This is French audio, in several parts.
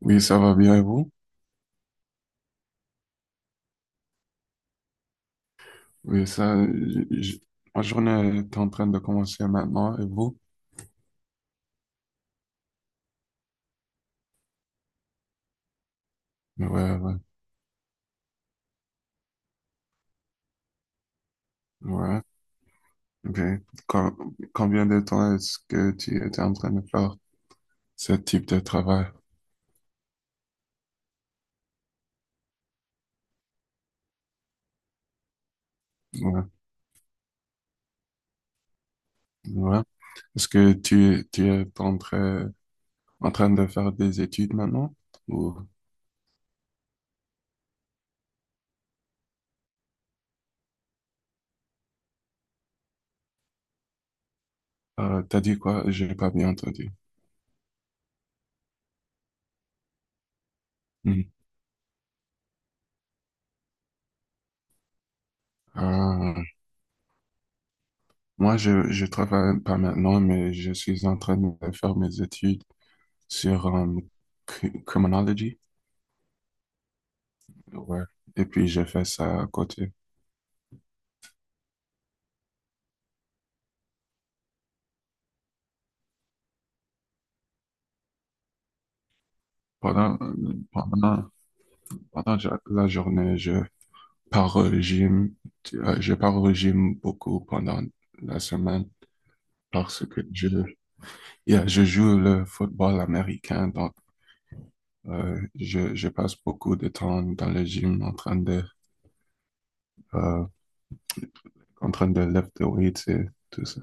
Oui, ça va bien et vous? Oui, ça, ma journée est en train de commencer maintenant et vous? Ouais, ouais, ouais. Ok. Combien de temps est-ce que tu étais en train de faire ce type de travail? Ouais, ouais. Est-ce que tu, en train de faire des études maintenant? Ou t'as dit quoi? J'ai pas bien entendu. Hmm. Ah, moi, je travaille pas maintenant, mais je suis en train de faire mes études sur criminology. Ouais. Et puis j'ai fait ça à côté. Pendant, pendant, Pendant la journée, je pars au régime. Je pars au régime beaucoup pendant la semaine parce que je, yeah, je joue le football américain. Donc, je passe beaucoup de temps dans le gym euh, en train de lift the weights et tout ça.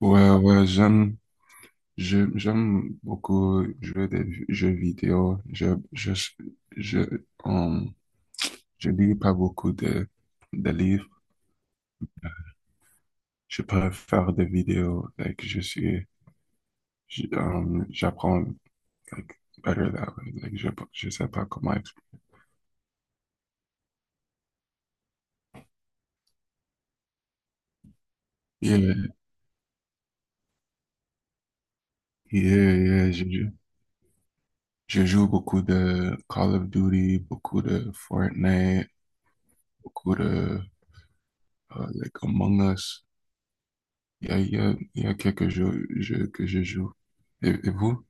Ouais, ouais, j'aime beaucoup jouer des jeux vidéo. Je, euh, Je lis pas beaucoup de livres. Je préfère des vidéos. Like, j'apprends like, better that way. Like, je sais pas comment expliquer. Yeah, yeah, yeah. Je joue beaucoup de Call of Duty, beaucoup de Fortnite, beaucoup de like Among Us. Il y a quelques jeux que je joue. Et vous?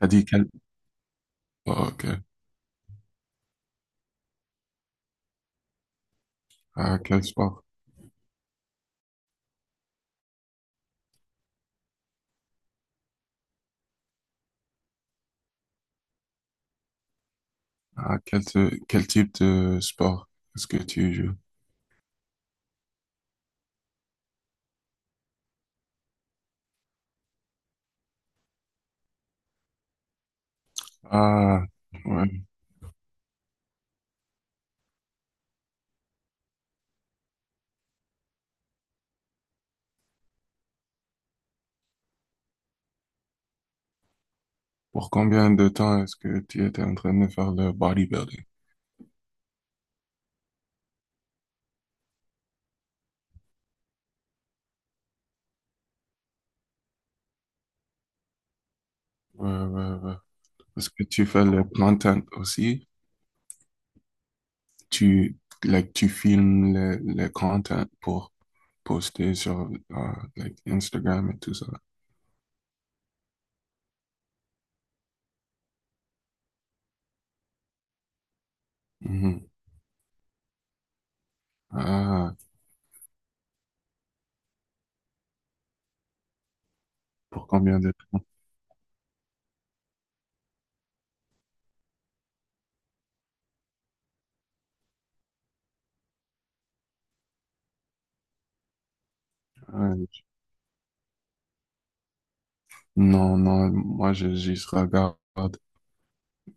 T'as dit quel, oh, ok. Ah, quel sport? Ah, quel, quel type de sport est-ce que tu joues? Ah, ouais. Pour combien de temps est-ce que tu étais en train de faire le bodybuilding? Ouais, ouais, ouais. Parce que tu fais le content aussi. Tu, like, tu filmes le content pour poster sur like Instagram et tout ça. Mhm. Ah, pour combien de temps? Ah, non, non, moi, je juste regarde.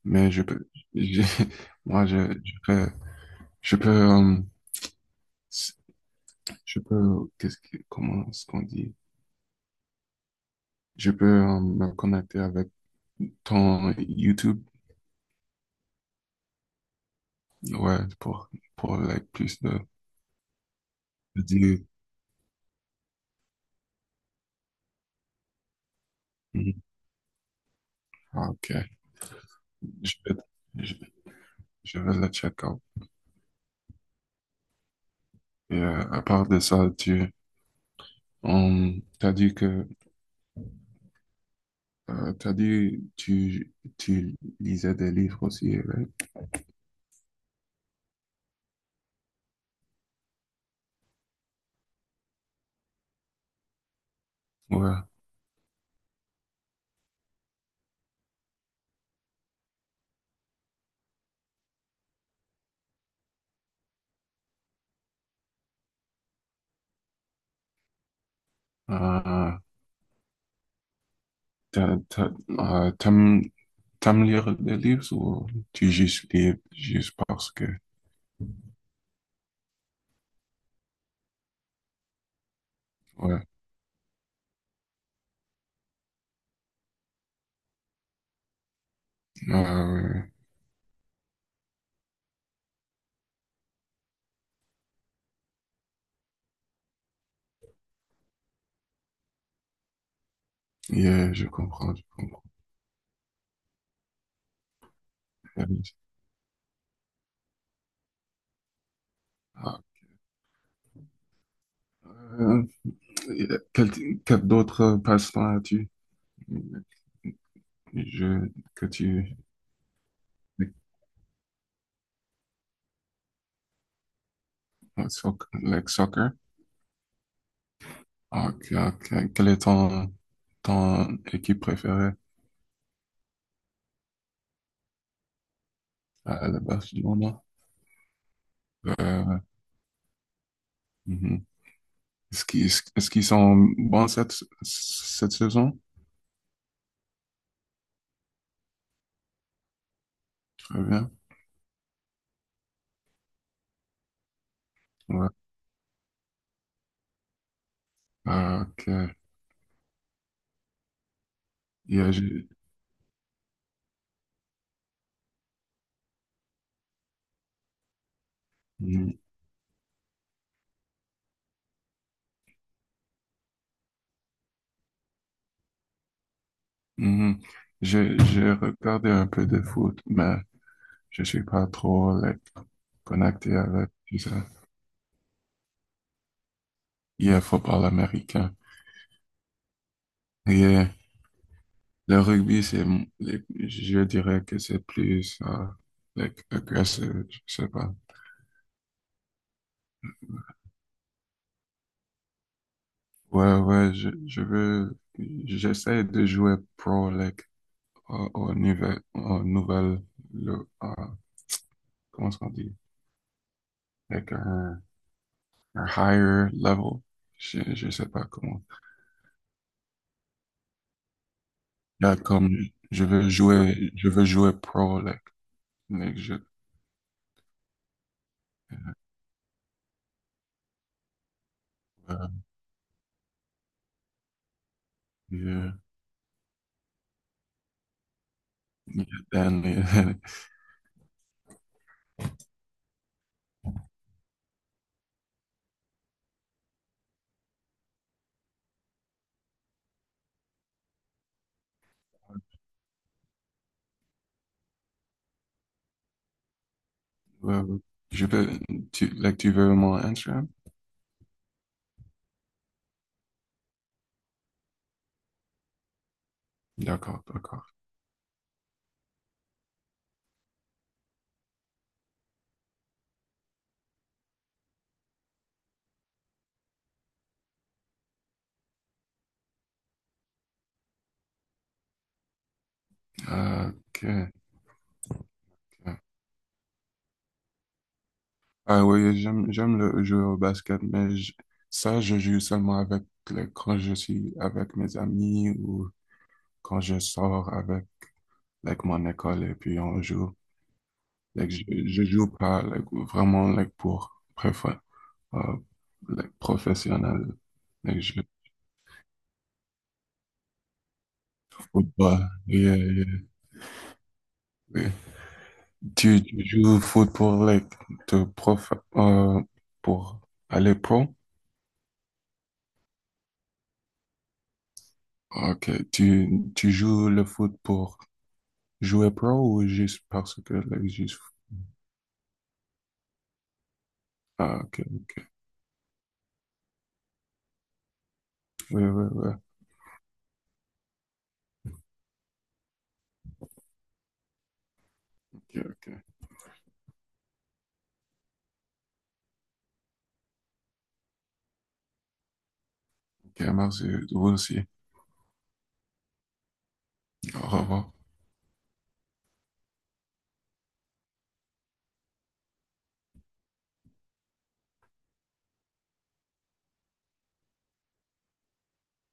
Mais je- moi, je peux, je peux, euh, je peux, qu'est-ce que, comment est-ce qu'on dit? Je peux me connecter avec ton YouTube, ouais, pour like, plus de dire. Mhm. Ah, ok, je vais, je, je vais le check out. Et à part de ça, t'as dit que t'as dit tu lisais des livres aussi, right? Ouais. Euh, t'as, t'as, euh, t'aimes, t'aimes lire des livres ou tu juste lis juste parce que ouais. Euh, yeah, je comprends. Euh, quel, quel d'autres passe-temps as-tu? Les jeux que tu... le soccer. Ah, quelle est ton équipe préférée? Le Barcelone. Euh, mhm. Est-ce qu'ils sont bons cette saison? Très bien. Ouais. Ah, ok. Yeah, j'ai mhm, mhm. J'ai regardé un peu de foot, mais je suis pas trop like, connecté avec tout ça. Il y football américain. Et le rugby, je dirais que c'est plus like, agressif, je sais pas. Ouais, ouais, je veux, j'essaie de jouer pro, like, au niveau, au nouvel, le, comment est-ce qu'on dit? Like, un higher level. Je sais pas comment. Là, comme, je veux jouer pro, like, like je, euh, yeah, yeah, and- Ouais, ouais. Je peux, tu, like, tu veux mon Instagram? D'accord, d'accord. Ok. Ok. Ah oui, j'aime le jeu au basket, mais ça, je joue seulement avec, quand je suis avec mes amis ou quand je sors avec, like, mon école et puis on joue. Like, je joue pas, like, vraiment, like, pour, préfère, euh, like, professionnel. Like, je joue au football. Yeah, yeah, yeah. Tu joues au foot pour les te prof pour aller pro? Ok. Tu joues le foot pour jouer pro ou juste parce que le- juste ah, ok. Ouais, ouais, ouais. Ok, ok. Ok, merci. Vous aussi. Au revoir.